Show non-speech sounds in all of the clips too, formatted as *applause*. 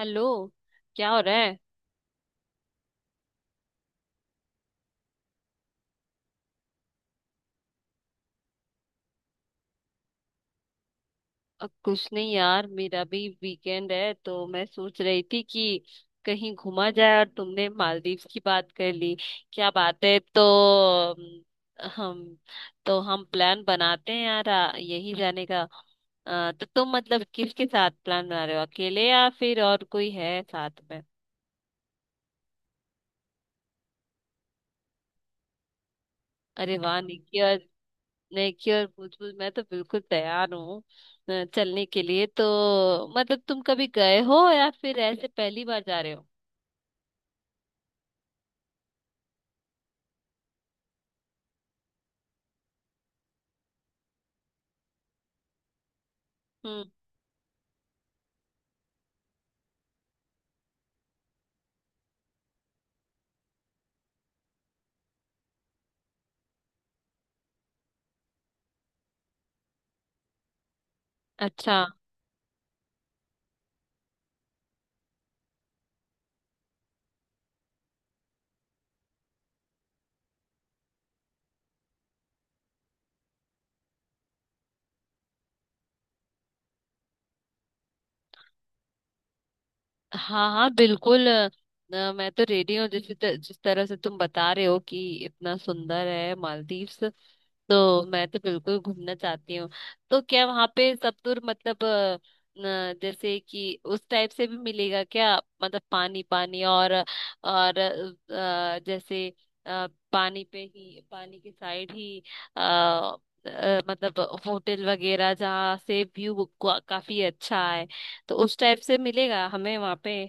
Hello. क्या हो रहा है? कुछ नहीं यार, मेरा भी वीकेंड है तो मैं सोच रही थी कि कहीं घूमा जाए और तुमने मालदीव्स की बात कर ली। क्या बात है! तो अम, हम तो हम प्लान बनाते हैं यार, यही जाने का। तो तुम मतलब किसके साथ प्लान बना रहे हो, अकेले या फिर और कोई है साथ में? अरे वाह निकी, लेके और भूजपुर मैं तो बिल्कुल तैयार हूँ चलने के लिए। तो मतलब तुम कभी गए हो या फिर ऐसे पहली बार जा रहे हो? हम्म। अच्छा। हाँ हाँ बिल्कुल। मैं तो रेडी हूँ, जिस तरह से तुम बता रहे हो कि इतना सुंदर है मालदीव्स, तो मैं तो बिल्कुल घूमना चाहती हूँ। तो क्या वहां पे सतुर मतलब अ, न, जैसे कि उस टाइप से भी मिलेगा क्या? मतलब पानी पानी और जैसे पानी पे ही, पानी के साइड ही, अ, मतलब होटल वगैरह जहाँ से व्यू काफी अच्छा है, तो उस टाइप से मिलेगा हमें वहां पे?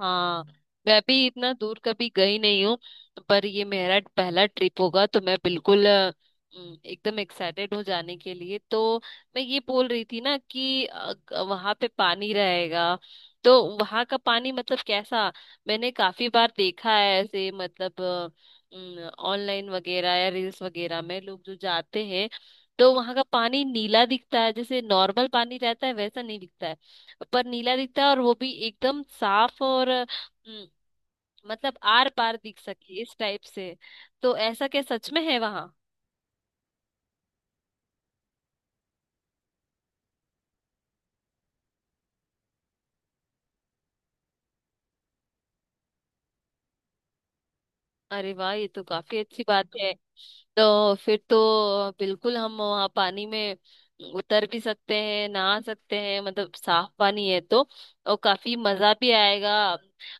हाँ। मैं भी इतना दूर कभी गई नहीं हूँ, पर ये मेरा पहला ट्रिप होगा, तो मैं बिल्कुल एकदम एक्साइटेड हूँ जाने के लिए। तो मैं ये बोल रही थी ना कि वहां पे पानी रहेगा, तो वहां का पानी मतलब कैसा? मैंने काफी बार देखा है ऐसे, मतलब ऑनलाइन वगैरह या रील्स वगैरह में लोग जो जाते हैं, तो वहां का पानी नीला दिखता है, जैसे नॉर्मल पानी रहता है वैसा नहीं दिखता है, पर नीला दिखता है और वो भी एकदम साफ, और हम्म, मतलब आर पार दिख सके इस टाइप से। तो ऐसा क्या सच में है वहां? अरे वाह, ये तो काफी अच्छी बात है। तो फिर तो बिल्कुल हम वहाँ पानी में उतर भी सकते हैं, नहा सकते हैं, मतलब साफ पानी है तो और काफी मजा भी आएगा।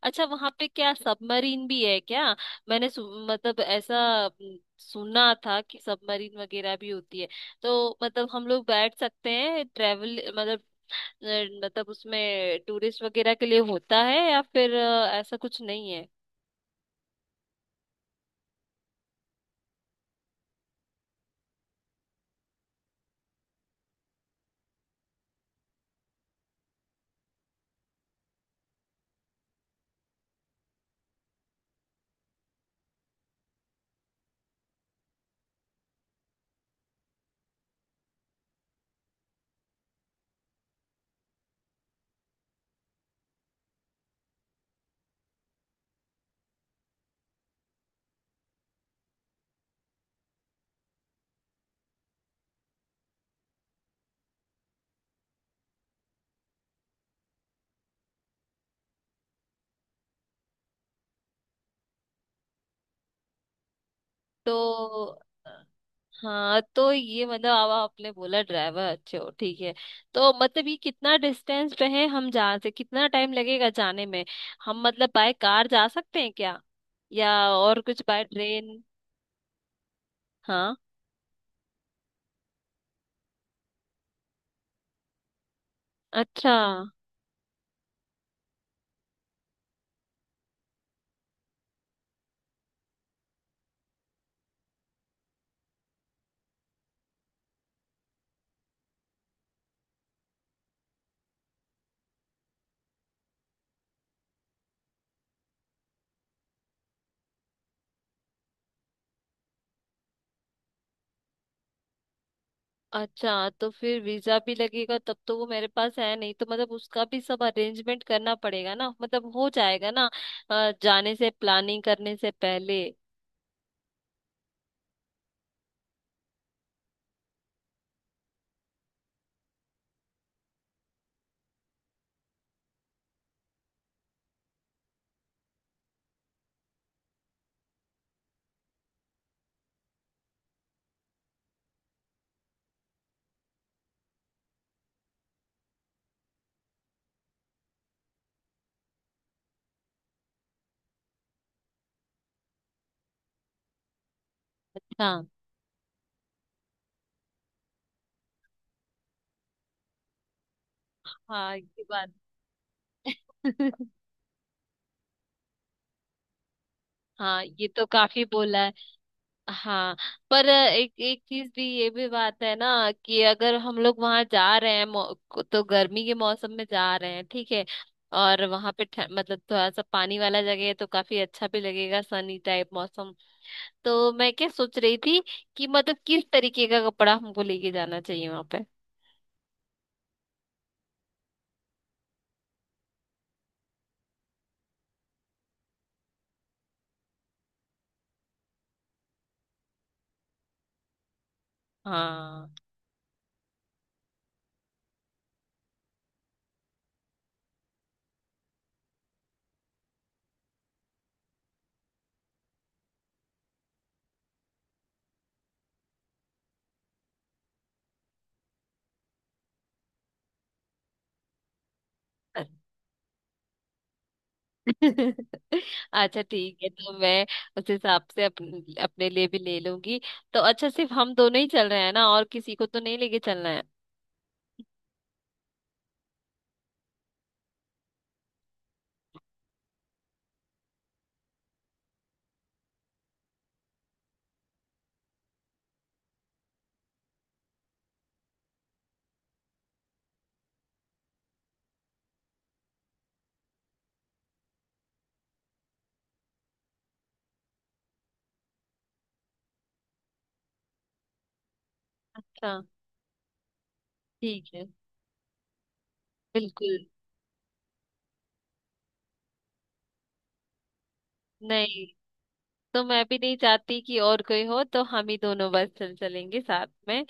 अच्छा वहाँ पे क्या सबमरीन भी है क्या? मतलब ऐसा सुना था कि सबमरीन वगैरह भी होती है, तो मतलब हम लोग बैठ सकते हैं ट्रेवल मतलब अ, मतलब उसमें टूरिस्ट वगैरह के लिए होता है, या फिर ऐसा कुछ नहीं है? तो हाँ, तो ये मतलब अब आपने बोला ड्राइवर अच्छे हो, ठीक है। तो मतलब ये कितना डिस्टेंस पे है, हम जहाँ से कितना टाइम लगेगा जाने में? हम मतलब बाय कार जा सकते हैं क्या, या और कुछ बाय ट्रेन? हाँ। अच्छा। अच्छा तो फिर वीजा भी लगेगा तब, तो वो मेरे पास है नहीं, तो मतलब उसका भी सब अरेंजमेंट करना पड़ेगा ना, मतलब हो जाएगा ना जाने से, प्लानिंग करने से पहले? अच्छा। हाँ ये बात। *laughs* हाँ ये तो काफी बोला। हाँ, पर एक एक चीज भी, ये भी बात है ना कि अगर हम लोग वहां जा रहे हैं तो गर्मी के मौसम में जा रहे हैं, ठीक है। और वहां पे मतलब थोड़ा सा पानी वाला जगह है तो काफी अच्छा भी लगेगा, सनी टाइप मौसम। तो मैं क्या सोच रही थी कि मतलब किस तरीके का कपड़ा हमको लेके जाना चाहिए वहां पे? हाँ। *laughs* अच्छा ठीक है, तो मैं उस हिसाब से अपने लिए भी ले लूंगी। तो अच्छा, सिर्फ हम दोनों ही चल रहे हैं ना, और किसी को तो नहीं लेके चलना है? अच्छा। ठीक है। बिल्कुल। नहीं। तो मैं भी नहीं चाहती कि और कोई हो, तो हम ही दोनों बस चल चलेंगे साथ में।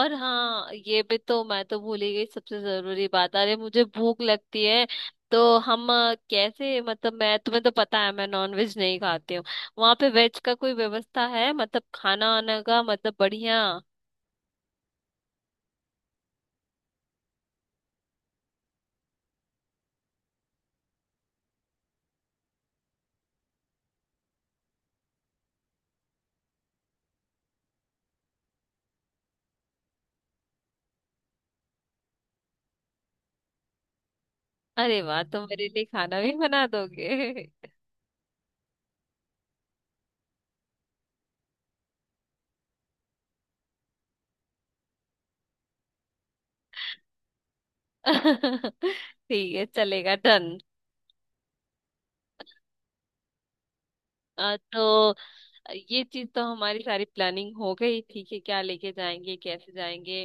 और हाँ ये भी, तो मैं तो भूल ही गई सबसे जरूरी बात, अरे मुझे भूख लगती है। तो हम कैसे मतलब मैं, तुम्हें तो पता है मैं नॉन वेज नहीं खाती हूँ, वहां पे वेज का कोई व्यवस्था है, मतलब खाना आना का मतलब बढ़िया? अरे वाह, तुम मेरे लिए खाना भी बना दोगे! *laughs* ठीक है, चलेगा, डन। अ, तो ये चीज तो हमारी सारी प्लानिंग हो गई, ठीक है, क्या लेके जाएंगे, कैसे जाएंगे।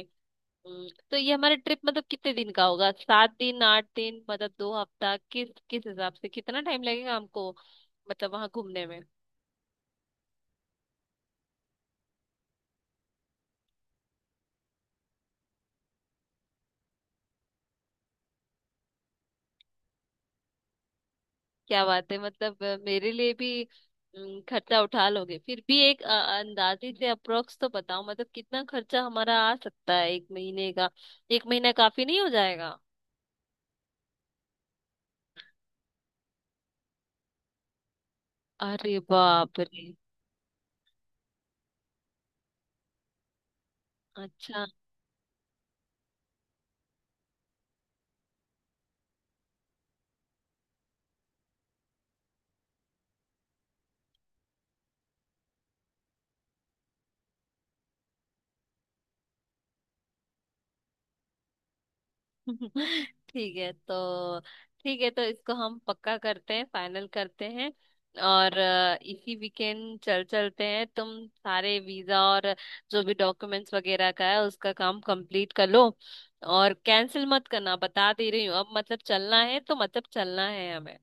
तो ये हमारा ट्रिप मतलब कितने दिन का होगा, सात दिन, आठ दिन, मतलब दो हफ्ता, किस किस हिसाब से कितना टाइम लगेगा हमको, मतलब वहां घूमने में? क्या बात है, मतलब मेरे लिए भी, खर्चा उठा लोगे? फिर भी एक अंदाजे से अप्रोक्स तो बताओ, मतलब कितना खर्चा हमारा आ सकता है एक महीने का? एक महीना काफी नहीं हो जाएगा? अरे बाप रे! अच्छा। *laughs* ठीक है तो, ठीक है, तो इसको हम पक्का करते हैं, फाइनल करते हैं। और इसी वीकेंड चल चलते हैं, तुम सारे वीजा और जो भी डॉक्यूमेंट्स वगैरह का है उसका काम कंप्लीट कर लो। और कैंसिल मत करना, बता दे रही हूँ अब, मतलब चलना है तो मतलब चलना है हमें।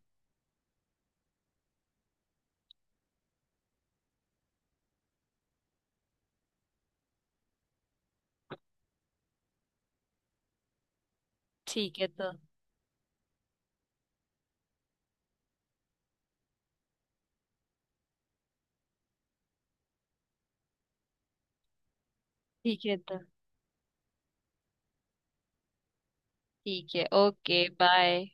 ठीक है तो। ठीक है तो। ठीक है, ओके, बाय।